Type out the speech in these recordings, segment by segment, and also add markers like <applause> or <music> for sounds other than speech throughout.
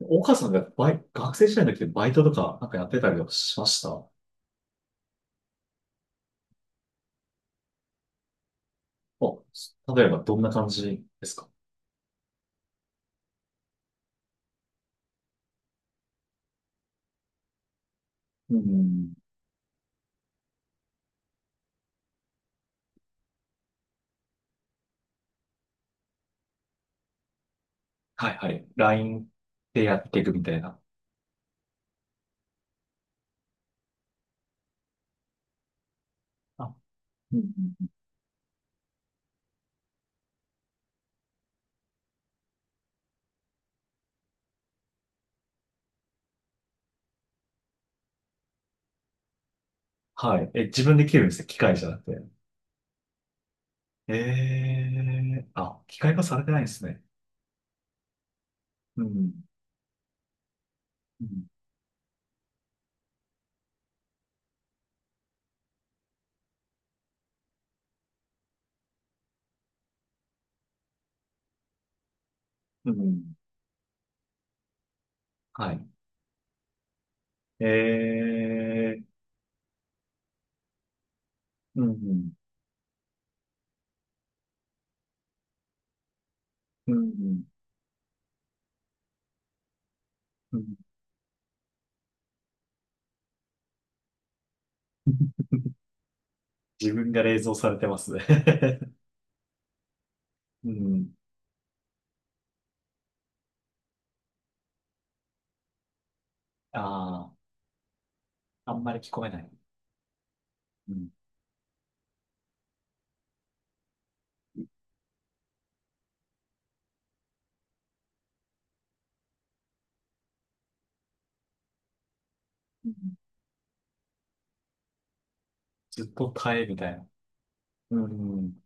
岡さんが学生時代の時ってバイトとかなんかやってたりとかしました？あ、例えばどんな感じですか？うん。はいはい。LINE でやっていくみたいな。あ、うんうん。はい。え、自分で切るんですね。機械じゃなくて。えー、あ、機械化されてないんですね。うん。うん。うん。はい。えー、うん。うんうんうん。 <laughs> 自分が冷蔵されてますね。 <laughs> うん。ああ、あんまり聞こえない。うんうん。ずっと耐えみたいな。うん。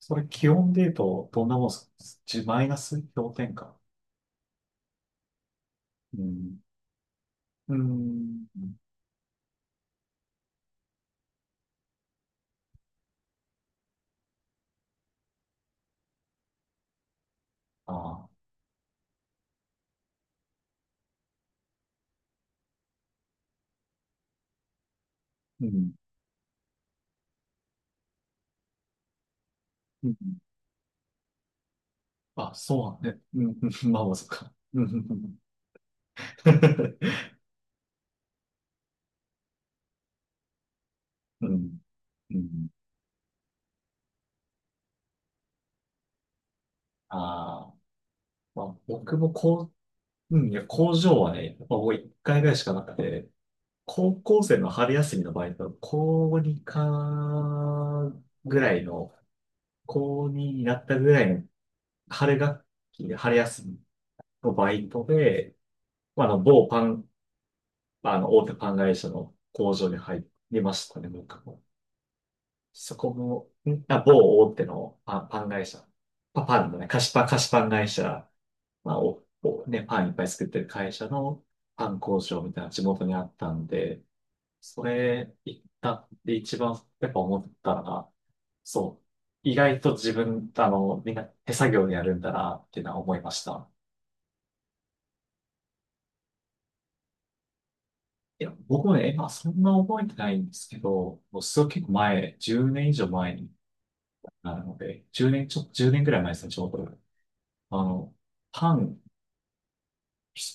それ気温で言うと、どんなもんすマイナス氷点下？うん。うん。ああ。うん。うん。あ、そうなんね。うん。うん、まあまあ、そっか。うん。うん。うん。ああ。まあ、僕も、いや、工場はね、まあ、もう一回ぐらいしかなくて、高校生の春休みの場合ト、高2かぐらいの、高2になったぐらいの春学期で、春休みのバイトで、まあ、あの、某パン、あの、大手パン会社の工場に入りましたね、僕も。そこも、某大手のパン会社。パンのね、菓子パン会社。まあ、ね、パンいっぱい作ってる会社のパン工場みたいな地元にあったんで、それ行ったって一番やっぱ思ったのが、そう、意外と自分、あの、みんな手作業でやるんだなっていうのは思いました。いや、僕もね、今そんな覚えてないんですけど、もうすごい結構前、10年以上前になるので、10年、ちょ、1年ぐらい前ですね、ちょうど。あの、パン、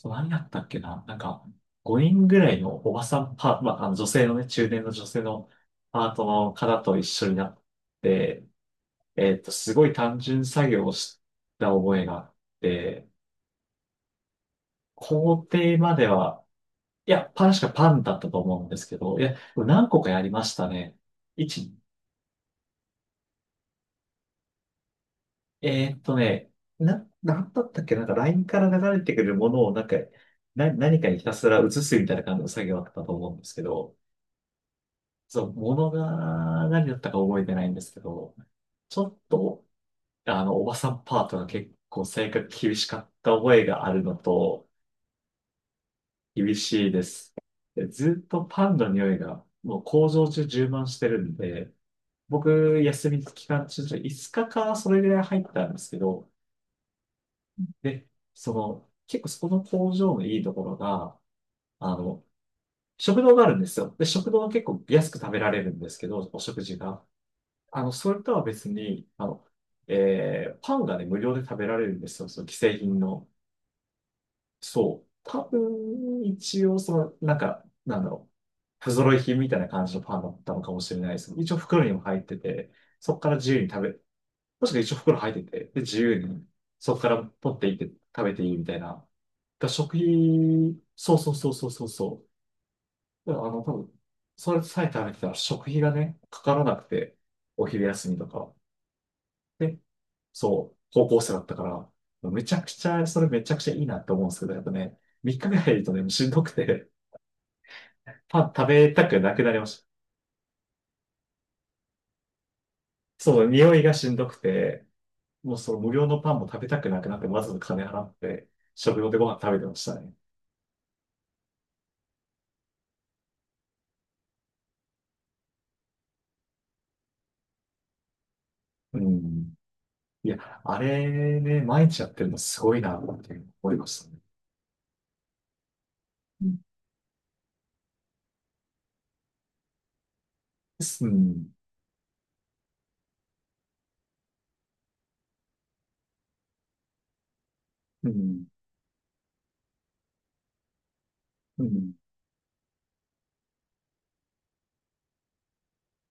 何やったっけな、なんか、5人ぐらいのおばさんパー、まあ、あの女性のね、中年の女性のパートの方と一緒になって、えっと、すごい単純作業をした覚えがあって、工程までは、いや、確かパンだったと思うんですけど、いや、何個かやりましたね。いちえーっとね、なんだったっけなんか LINE から流れてくるものをなんか、何かにひたすら移すみたいな感じの作業だったと思うんですけど、そう、ものが何だったか覚えてないんですけど、ちょっと、あの、おばさんパートが結構性格厳しかった覚えがあるのと、厳しいです。でずっとパンの匂いが、もう工場中充満してるんで、僕、休み期間中、5日かかそれぐらい入ったんですけど、で、その、結構そこの工場のいいところが、あの、食堂があるんですよ。で、食堂は結構安く食べられるんですけど、お食事が。あの、それとは別に、あの、パンがね、無料で食べられるんですよ。その既製品の。そう。多分、一応、その、なんか、なんだろう。不揃い品みたいな感じのパンだったのかもしれないです。一応袋にも入ってて、そこから自由に食べ、確か一応袋入ってて、で、自由に、そこから取っていって食べていいみたいな。だ食費、そうそうそうそうそうそう。だからあの、多分、それさえ食べてたら食費がね、かからなくて、お昼休みとか。で、そう、高校生だったから、めちゃくちゃ、それめちゃくちゃいいなって思うんですけど、やっぱね、3日目入るとね、もうしんどくて、パン食べたくなくなりました。そう、匂いがしんどくて、もうその無料のパンも食べたくなくなって、わざわざ金払って、食用でご飯食べてましたね。うん。いや、あれね、毎日やってるのすごいな、っていう思いましたね。ん。うん。うん。うん。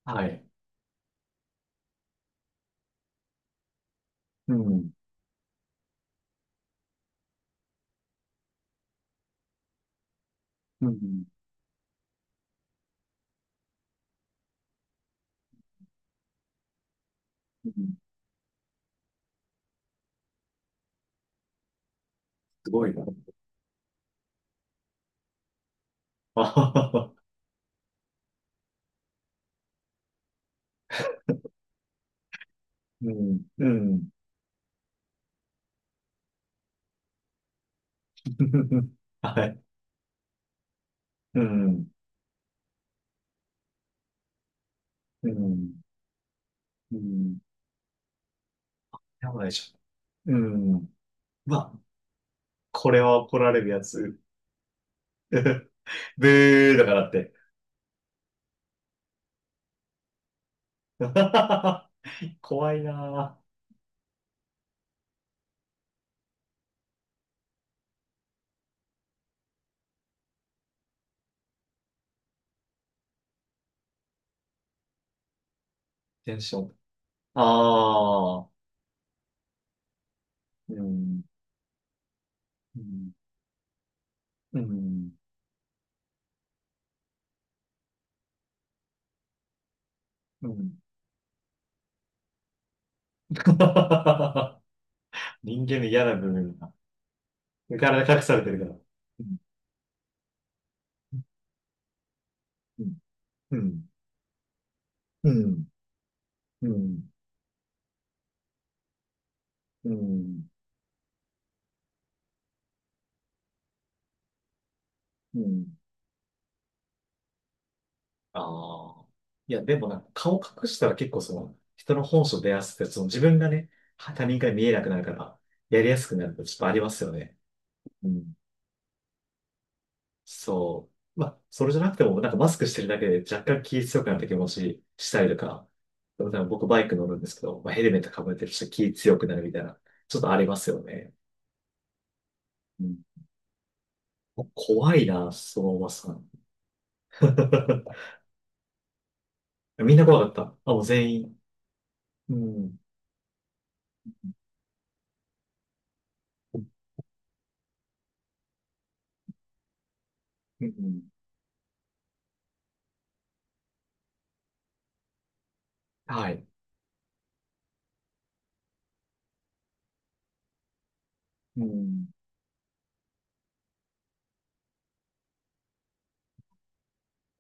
はい。うん。うん。うん。すごいな。あはは。はうん。うん。<laughs> はい。うん。うん。うん。やばいでしょ。うん。まあ、これは怒られるやつ。<laughs> ブーだからって。<laughs> 怖いな。テンション。ああ。うん。うん。うん。うん。<laughs> 人間の嫌な部分が、体隠されてるから。うんうん。うん。うん。うん。うん。ああ。いや、でもなんか顔隠したら結構その、人の本性出やすくて、その自分がね、他人から見えなくなるから、やりやすくなるとちょっとありますよね。うん。そう。まあ、それじゃなくても、なんかマスクしてるだけで若干気強くなった気持ちしたりとか、でもなんか僕バイク乗るんですけど、まあ、ヘルメットかぶってる人気強くなるみたいな、ちょっとありますよね。怖いな、そのおばさん。<laughs> みんな怖かった。あ、もう全員。うん。うん。はい。うん。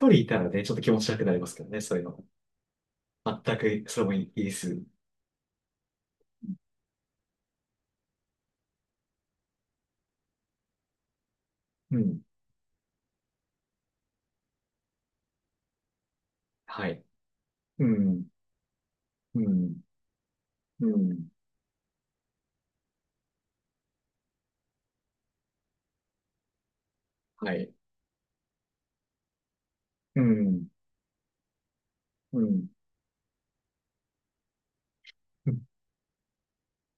一人いたらね、ちょっと気持ち悪くなりますけどね、そういうの。全く、それもいいです。うん。はい。うん。うん。うん。はい。うん。うん。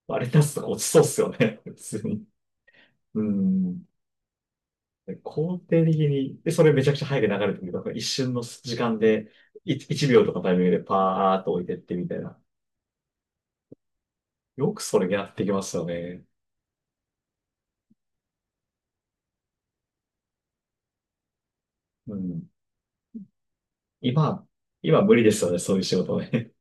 あれ出すとか落ちそうっすよね、普通に。うん。肯定的に、で、それめちゃくちゃ早く流れてくる。だか一瞬の時間で、1、秒とかタイミングでパーっと置いてってみたいな。よくそれやってきますよね。うん。今、今無理ですよね、そういう仕事ね。